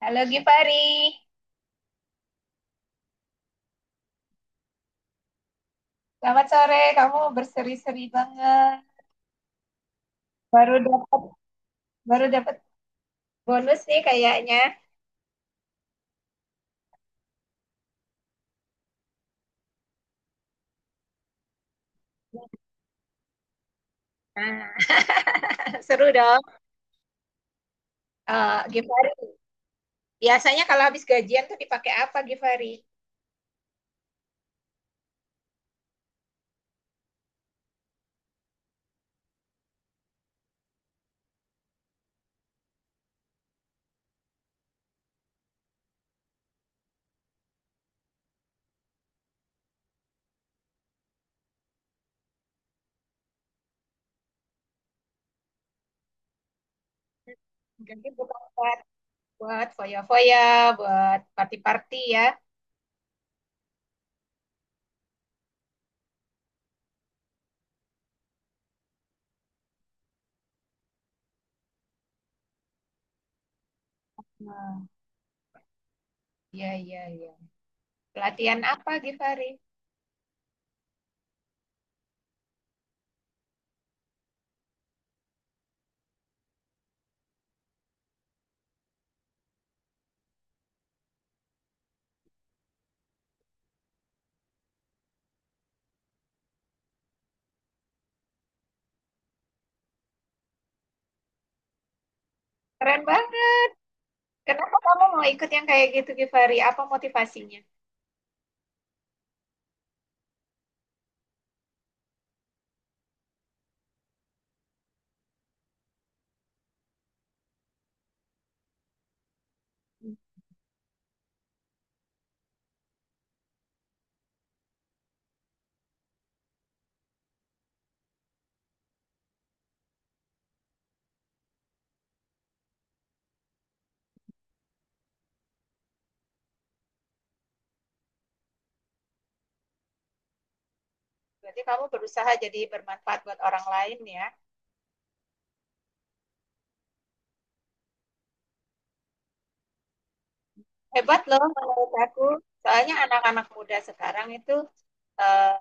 Halo Gifari, selamat sore. Kamu berseri-seri banget. Baru dapat baru dapat bonus nih kayaknya. Nah, seru dong. Eh Gifari, biasanya kalau habis gajian tuh dipakai apa Gifari? Gaji bukan buat buat foya-foya, buat party-party ya. Nah, iya iya iya. Pelatihan apa Gifari? Keren banget. Kenapa kamu mau ikut yang kayak gitu Gifari? Apa motivasinya? Berarti kamu berusaha jadi bermanfaat buat orang lain ya. Hebat loh menurut aku. Soalnya anak-anak muda sekarang itu eh,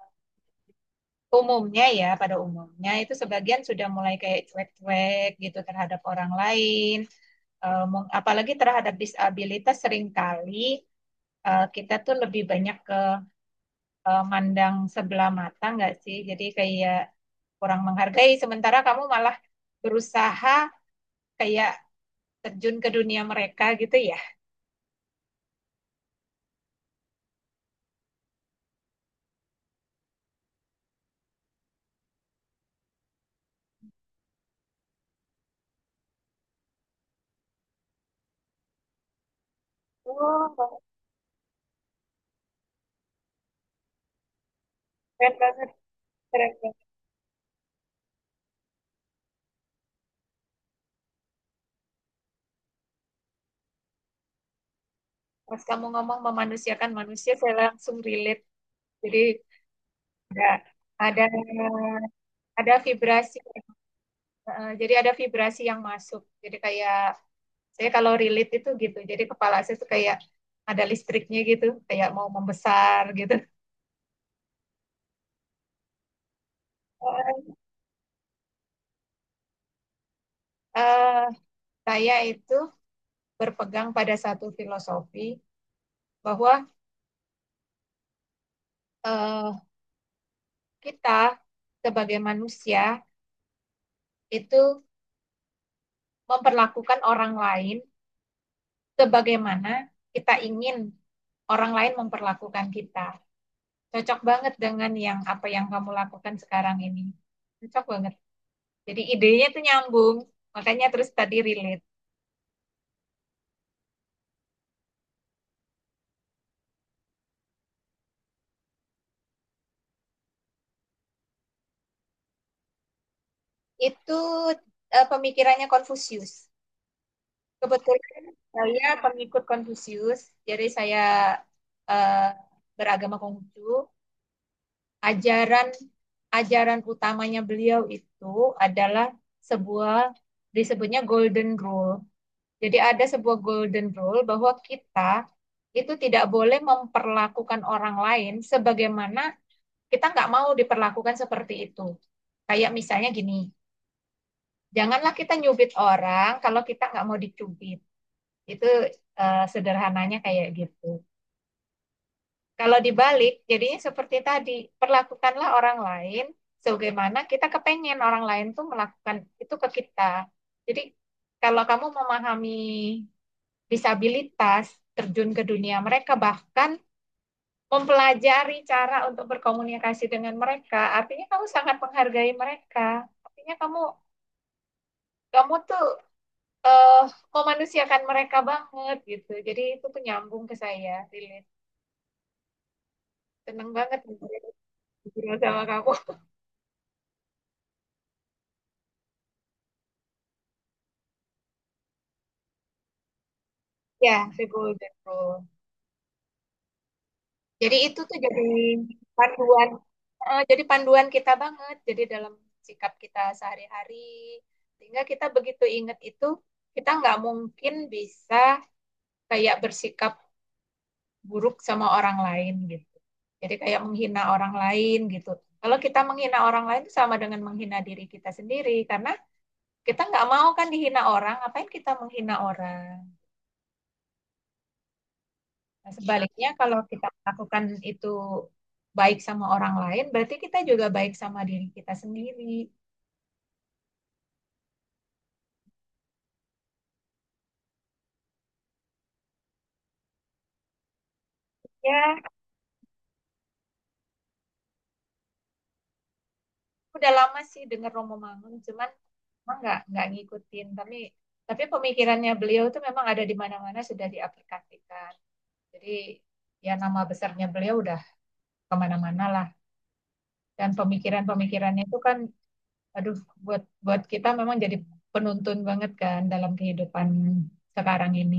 umumnya ya, pada umumnya itu sebagian sudah mulai kayak cuek-cuek gitu terhadap orang lain. Apalagi terhadap disabilitas seringkali kita tuh lebih banyak ke mandang sebelah mata nggak sih? Jadi kayak kurang menghargai. Sementara kamu malah berusaha kayak terjun ke dunia mereka gitu ya. Oh, keren banget, keren banget. Pas kamu ngomong memanusiakan manusia, saya langsung relate. Jadi ada ada vibrasi. Jadi ada vibrasi yang masuk. Jadi kayak saya kalau relate itu gitu. Jadi kepala saya tuh kayak ada listriknya gitu, kayak mau membesar gitu. Eh, saya itu berpegang pada satu filosofi bahwa eh, kita sebagai manusia itu memperlakukan orang lain sebagaimana kita ingin orang lain memperlakukan kita. Cocok banget dengan yang apa yang kamu lakukan sekarang ini. Cocok banget. Jadi idenya tuh nyambung, makanya terus tadi relate. Itu pemikirannya Konfusius. Kebetulan saya pengikut Konfusius, jadi saya eh, beragama Konghucu. Ajaran ajaran utamanya beliau itu adalah sebuah disebutnya golden rule. Jadi ada sebuah golden rule bahwa kita itu tidak boleh memperlakukan orang lain sebagaimana kita nggak mau diperlakukan seperti itu. Kayak misalnya gini, janganlah kita nyubit orang kalau kita nggak mau dicubit. Itu sederhananya kayak gitu. Kalau dibalik, jadinya seperti tadi, perlakukanlah orang lain sebagaimana kita kepengen orang lain tuh melakukan itu ke kita. Jadi kalau kamu memahami disabilitas terjun ke dunia mereka, bahkan mempelajari cara untuk berkomunikasi dengan mereka. Artinya kamu sangat menghargai mereka. Artinya kamu kamu tuh eh memanusiakan mereka banget gitu. Jadi itu tuh nyambung ke saya, relate. Seneng banget ngobrol sama kamu. Ya, the golden rule. Jadi itu tuh jadi panduan jadi panduan kita banget. Jadi dalam sikap kita sehari-hari, sehingga kita begitu ingat itu, kita nggak mungkin bisa kayak bersikap buruk sama orang lain gitu. Jadi kayak menghina orang lain gitu. Kalau kita menghina orang lain itu sama dengan menghina diri kita sendiri karena kita nggak mau kan dihina orang, ngapain kita menghina orang. Nah, sebaliknya kalau kita melakukan itu baik sama orang lain, berarti kita juga baik sama diri kita sendiri. Ya, udah lama sih denger Romo Mangun cuman emang nggak ngikutin tapi pemikirannya beliau tuh memang ada di mana-mana sudah diaplikasikan jadi ya nama besarnya beliau udah kemana-mana lah dan pemikiran-pemikirannya itu kan aduh buat buat kita memang jadi penuntun banget kan dalam kehidupan sekarang ini.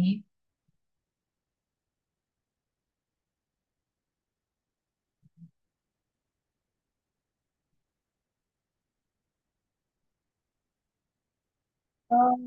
Oh,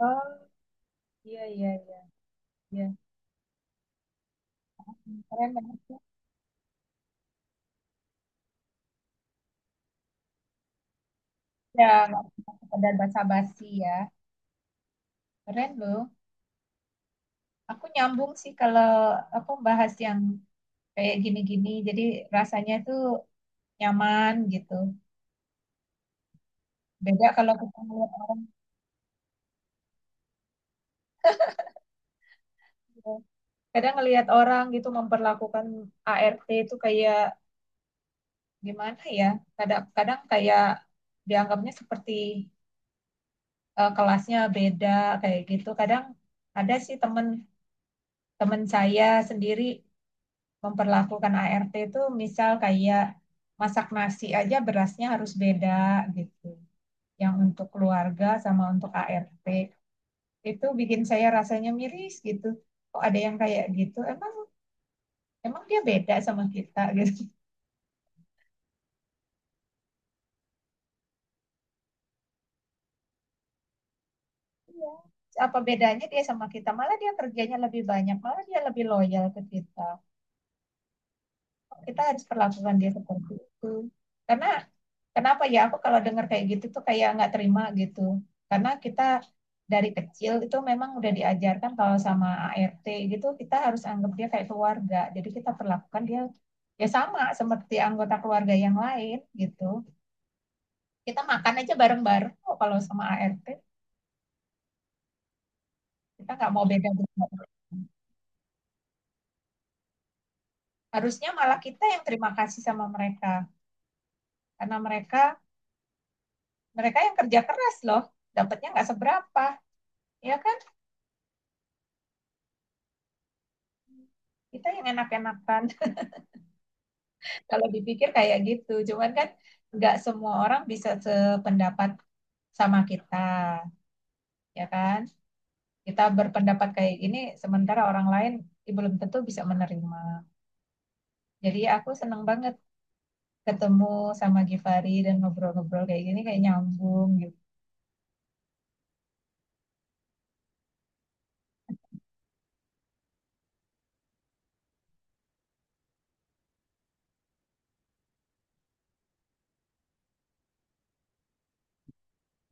oh, iya iya iya iya. Keren banget ya. Ya, nggak cuma sekedar basa-basi ya. Keren loh. Aku nyambung sih kalau aku bahas yang kayak gini-gini, jadi rasanya tuh nyaman gitu. Beda kalau kita ngeliat orang, gitu. Kadang ngelihat orang gitu memperlakukan ART itu kayak gimana ya? Kadang-kadang kayak dianggapnya seperti kelasnya beda kayak gitu. Kadang ada sih temen temen saya sendiri memperlakukan ART itu misal kayak masak nasi aja berasnya harus beda gitu. Yang untuk keluarga sama untuk ART itu bikin saya rasanya miris gitu. Kok ada yang kayak gitu? Emang emang dia beda sama kita gitu. Iya. Apa bedanya dia sama kita? Malah dia kerjanya lebih banyak, malah dia lebih loyal ke kita. Kita harus perlakukan dia seperti itu. Karena kenapa ya aku kalau dengar kayak gitu tuh kayak nggak terima gitu. Karena kita dari kecil itu memang udah diajarkan kalau sama ART gitu kita harus anggap dia kayak keluarga. Jadi kita perlakukan dia ya sama seperti anggota keluarga yang lain gitu. Kita makan aja bareng-bareng kok kalau sama ART. Kita nggak mau beda beda. Harusnya malah kita yang terima kasih sama mereka karena mereka mereka yang kerja keras loh. Dapatnya nggak seberapa, ya kan? Kita yang enak-enakan. Kalau dipikir kayak gitu, cuman kan nggak semua orang bisa sependapat sama kita, ya kan? Kita berpendapat kayak gini, sementara orang lain ya belum tentu bisa menerima. Jadi aku seneng banget ketemu sama Givari dan ngobrol-ngobrol kayak gini, kayak nyambung gitu.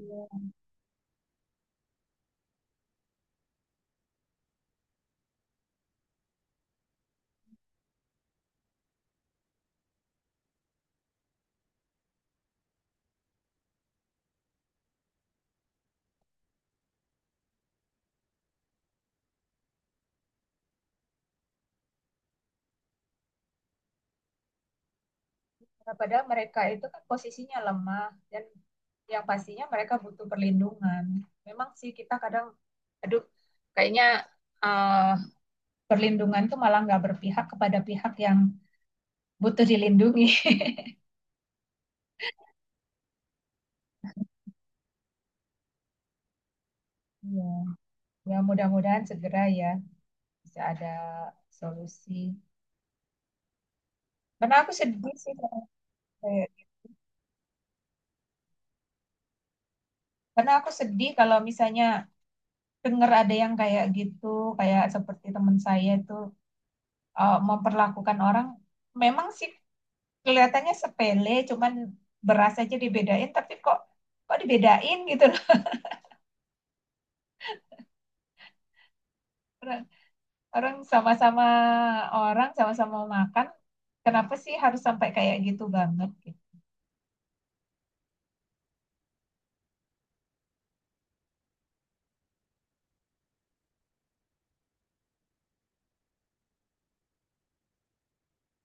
Iya. Nah, padahal mereka itu kan posisinya lemah dan yang pastinya mereka butuh perlindungan. Memang sih kita kadang, aduh, kayaknya eh, perlindungan tuh malah nggak berpihak kepada pihak yang butuh dilindungi. Ya, ya mudah-mudahan segera ya bisa ada solusi. Karena aku sedih sih karena aku sedih kalau misalnya dengar ada yang kayak gitu, kayak seperti teman saya itu memperlakukan orang memang sih kelihatannya sepele, cuman beras aja dibedain, tapi kok kok dibedain gitu loh. Orang sama-sama orang sama-sama mau makan kenapa sih harus sampai kayak gitu banget gitu.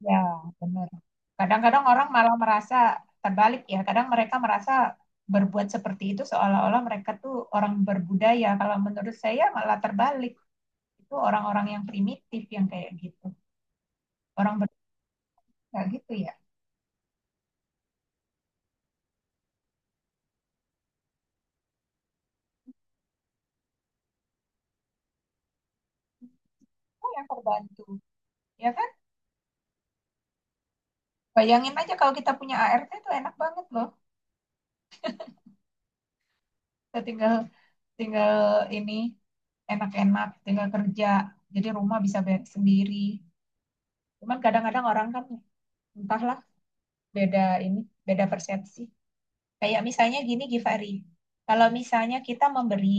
Ya, benar. Kadang-kadang orang malah merasa terbalik ya kadang mereka merasa berbuat seperti itu seolah-olah mereka tuh orang berbudaya kalau menurut saya malah terbalik itu orang-orang yang primitif yang kayak gitu orang berbudaya gitu ya. Oh, yang terbantu ya kan bayangin aja kalau kita punya ART itu enak banget loh kita tinggal tinggal ini enak-enak, tinggal kerja. Jadi rumah bisa beres sendiri. Cuman kadang-kadang orang kan entahlah beda ini, beda persepsi. Kayak misalnya gini Givari, kalau misalnya kita memberi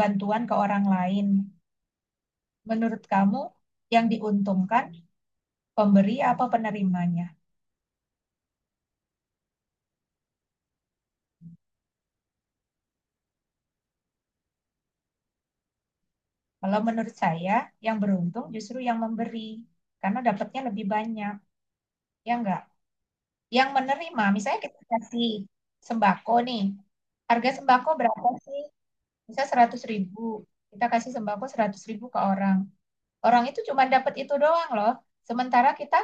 bantuan ke orang lain, menurut kamu yang diuntungkan pemberi apa penerimanya? Kalau menurut saya yang beruntung justru yang memberi karena dapatnya lebih banyak, ya enggak? Yang menerima, misalnya kita kasih sembako nih, harga sembako berapa sih? Misal 100 ribu, kita kasih sembako 100 ribu ke orang. Orang itu cuma dapat itu doang loh. Sementara kita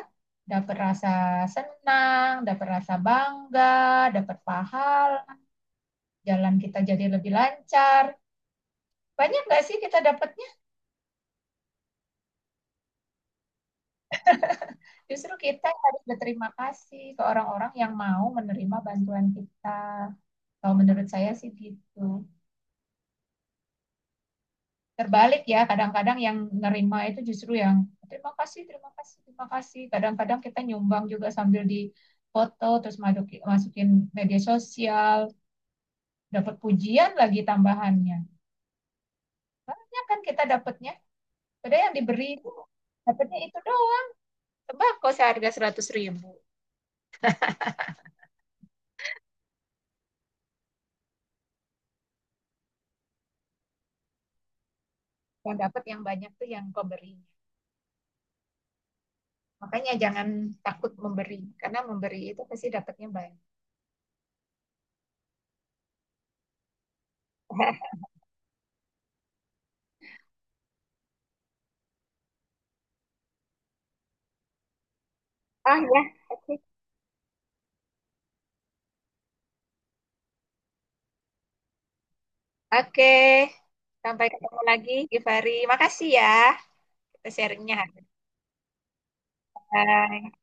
dapat rasa senang, dapat rasa bangga, dapat pahala, jalan kita jadi lebih lancar. Banyak nggak sih kita dapatnya? Justru kita yang harus berterima kasih ke orang-orang yang mau menerima bantuan kita. Kalau menurut saya sih gitu. Terbalik ya kadang-kadang yang nerima itu justru yang terima kasih terima kasih terima kasih kadang-kadang kita nyumbang juga sambil di foto terus masukin media sosial dapat pujian lagi tambahannya banyak kan kita dapatnya padahal yang diberi itu dapatnya itu doang tembakau seharga 100 ribu yang dapat yang banyak tuh yang pemberinya makanya jangan takut memberi karena memberi itu pasti dapatnya banyak. Ah ya, oke. oke Sampai ketemu lagi, Givari. Makasih ya. Sharingnya. Bye.